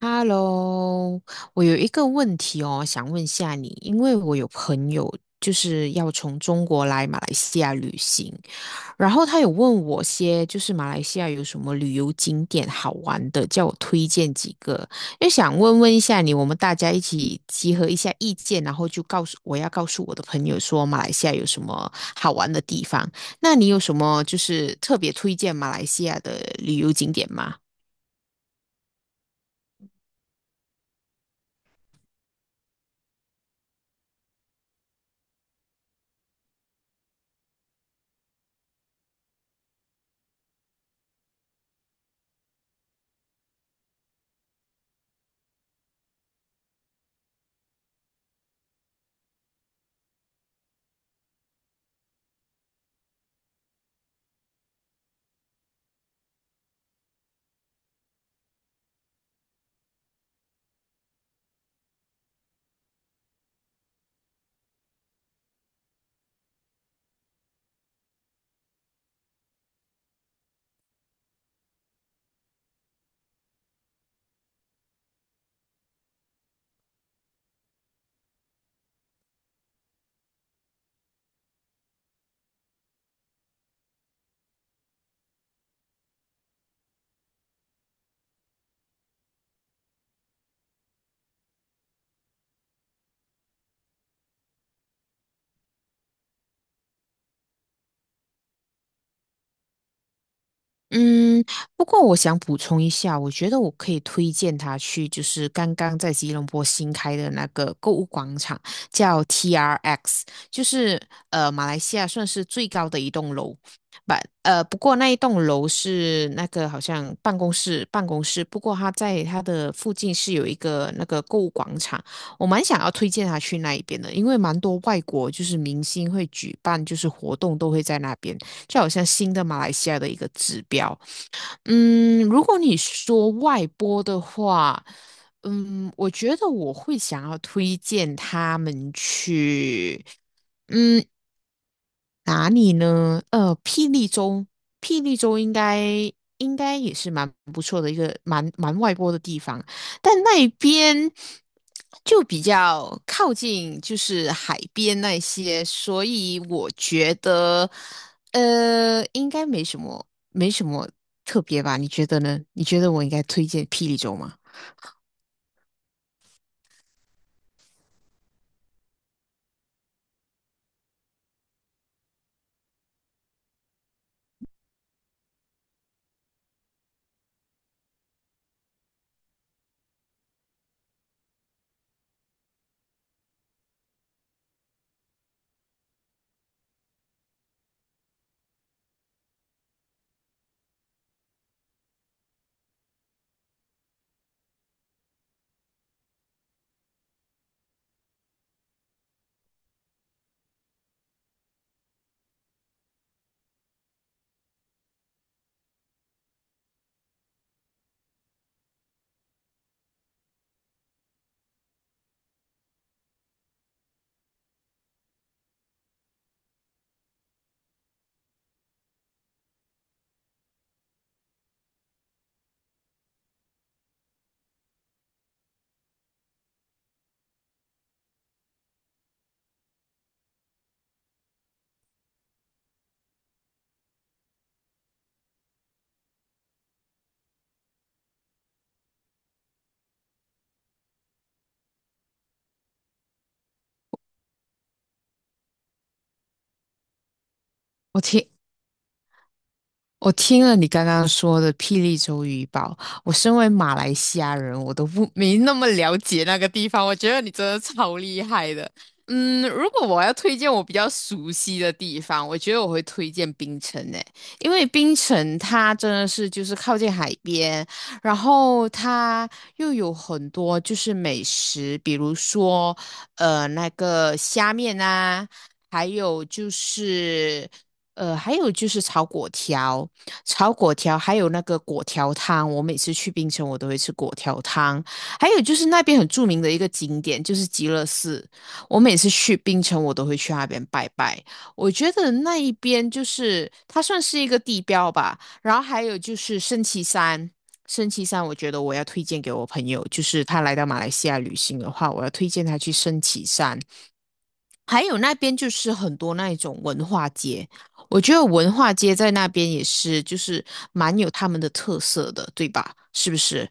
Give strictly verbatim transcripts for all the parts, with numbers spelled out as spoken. Hello，我有一个问题哦，想问下你，因为我有朋友就是要从中国来马来西亚旅行，然后他有问我些就是马来西亚有什么旅游景点好玩的，叫我推荐几个，也想问问一下你，我们大家一起集合一下意见，然后就告诉我要告诉我的朋友说马来西亚有什么好玩的地方，那你有什么就是特别推荐马来西亚的旅游景点吗？嗯，不过我想补充一下，我觉得我可以推荐他去，就是刚刚在吉隆坡新开的那个购物广场，叫 T R X，就是呃马来西亚算是最高的一栋楼，不呃不过那一栋楼是那个好像办公室办公室，不过它在它的附近是有一个那个购物广场，我蛮想要推荐他去那一边的，因为蛮多外国就是明星会举办就是活动都会在那边。就好像新的马来西亚的一个指标。嗯，如果你说外播的话，嗯，我觉得我会想要推荐他们去。嗯，哪里呢？呃，霹雳州，霹雳州应该应该也是蛮不错的一个蛮蛮外播的地方，但那边就比较靠近就是海边那些，所以我觉得呃应该没什么没什么特别吧？你觉得呢？你觉得我应该推荐霹雳州吗？我听我听了你刚刚说的霹雳州渔堡，我身为马来西亚人，我都不没那么了解那个地方。我觉得你真的超厉害的。嗯，如果我要推荐我比较熟悉的地方，我觉得我会推荐槟城诶，因为槟城它真的是就是靠近海边，然后它又有很多就是美食，比如说呃那个虾面啊，还有就是。呃，还有就是炒粿条，炒粿条，还有那个粿条汤。我每次去槟城，我都会吃粿条汤。还有就是那边很著名的一个景点，就是极乐寺。我每次去槟城，我都会去那边拜拜。我觉得那一边就是它算是一个地标吧。然后还有就是升旗山。升旗山，我觉得我要推荐给我朋友，就是他来到马来西亚旅行的话，我要推荐他去升旗山。还有那边就是很多那一种文化街，我觉得文化街在那边也是，就是蛮有他们的特色的，对吧？是不是？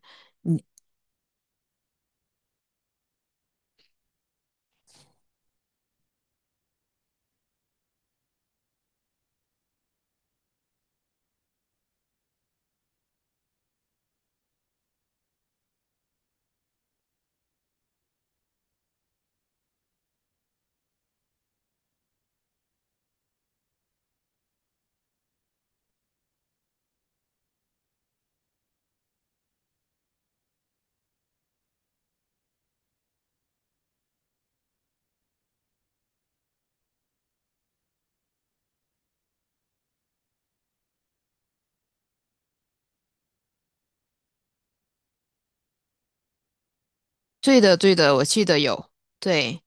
对的，对的，我记得有。对，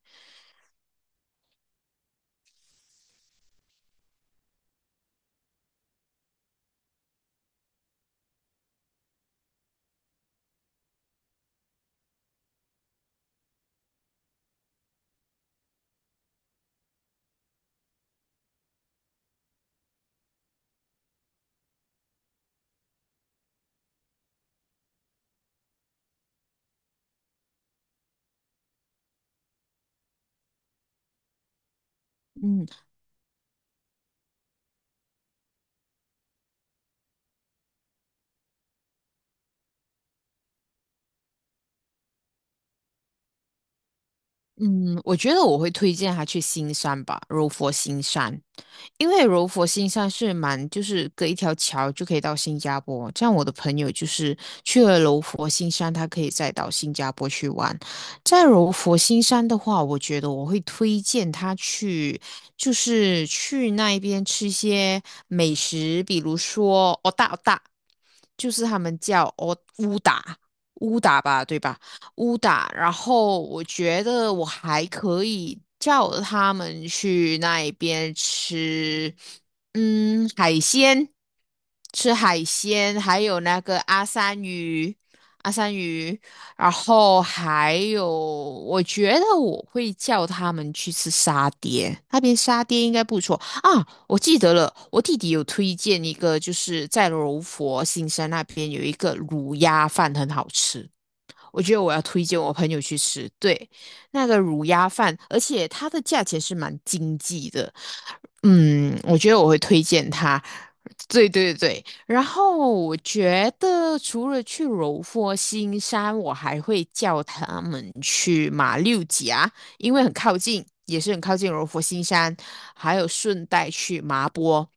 嗯嗯，我觉得我会推荐他去新山吧，柔佛新山。因为柔佛新山是蛮，就是隔一条桥就可以到新加坡。这样我的朋友就是去了柔佛新山，他可以再到新加坡去玩。在柔佛新山的话，我觉得我会推荐他去，就是去那一边吃一些美食，比如说哦大哦大，就是他们叫哦乌达乌达吧，对吧？乌达，然后我觉得我还可以叫他们去那边吃，嗯，海鲜。吃海鲜，还有那个阿三鱼，阿三鱼，然后还有，我觉得我会叫他们去吃沙爹，那边沙爹应该不错啊。我记得了，我弟弟有推荐一个，就是在柔佛新山那边有一个卤鸭饭很好吃，我觉得我要推荐我朋友去吃。对，那个卤鸭饭，而且它的价钱是蛮经济的。嗯，我觉得我会推荐它。对对对，然后我觉得除了去柔佛新山，我还会叫他们去马六甲，因为很靠近，也是很靠近柔佛新山，还有顺带去麻波，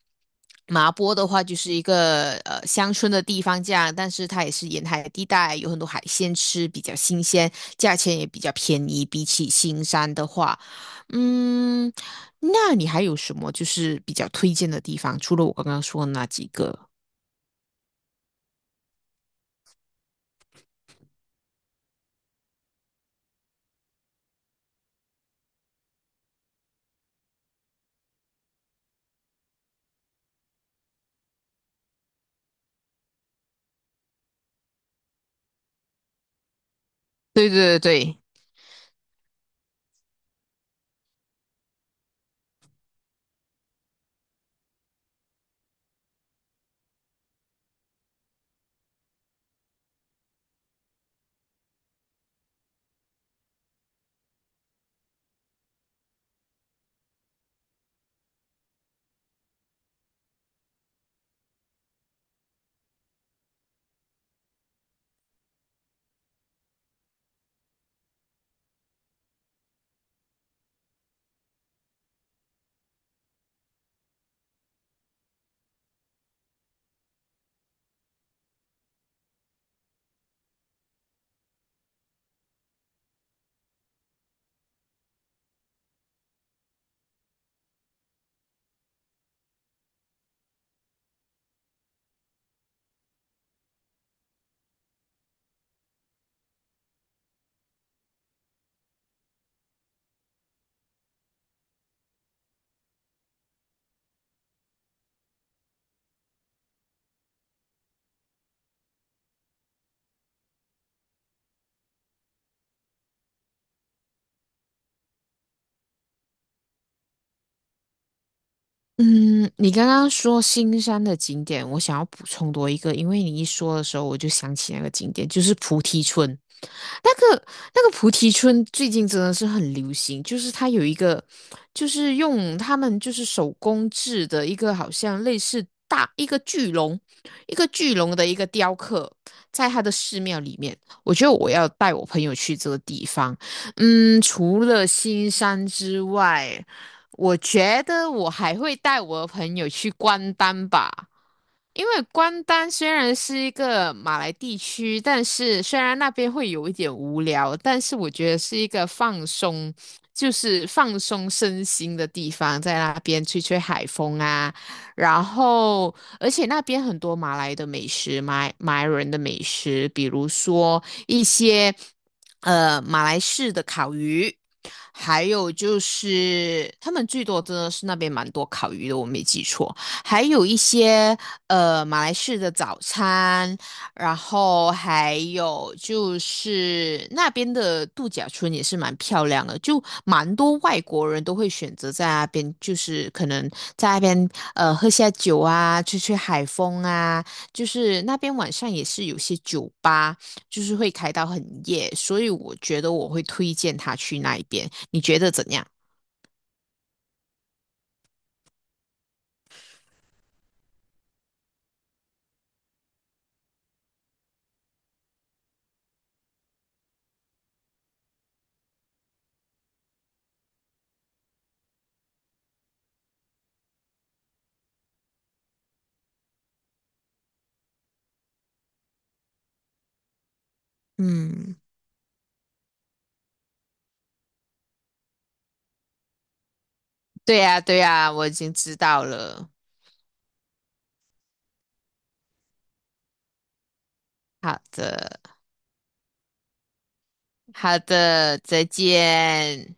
麻波的话就是一个呃乡村的地方，这样，但是它也是沿海地带，有很多海鲜吃，比较新鲜，价钱也比较便宜，比起新山的话，嗯。那你还有什么就是比较推荐的地方？除了我刚刚说的那几个？对对对对，嗯，你刚刚说新山的景点，我想要补充多一个，因为你一说的时候，我就想起那个景点，就是菩提村。那个那个菩提村最近真的是很流行，就是它有一个，就是用他们就是手工制的一个好像类似大一个巨龙，一个巨龙的一个雕刻，在它的寺庙里面。我觉得我要带我朋友去这个地方。嗯，除了新山之外，我觉得我还会带我的朋友去关丹吧。因为关丹虽然是一个马来地区，但是虽然那边会有一点无聊，但是我觉得是一个放松，就是放松身心的地方，在那边吹吹海风啊，然后而且那边很多马来的美食，马来马来人的美食，比如说一些呃马来式的烤鱼，还有就是他们最多真的是那边蛮多烤鱼的，我没记错。还有一些呃马来式的早餐，然后还有就是那边的度假村也是蛮漂亮的，就蛮多外国人都会选择在那边，就是可能在那边呃喝下酒啊，吹吹海风啊，就是那边晚上也是有些酒吧，就是会开到很夜，所以我觉得我会推荐他去那一边，你觉得怎样？嗯，对呀，对呀，我已经知道了。好的，好的，再见。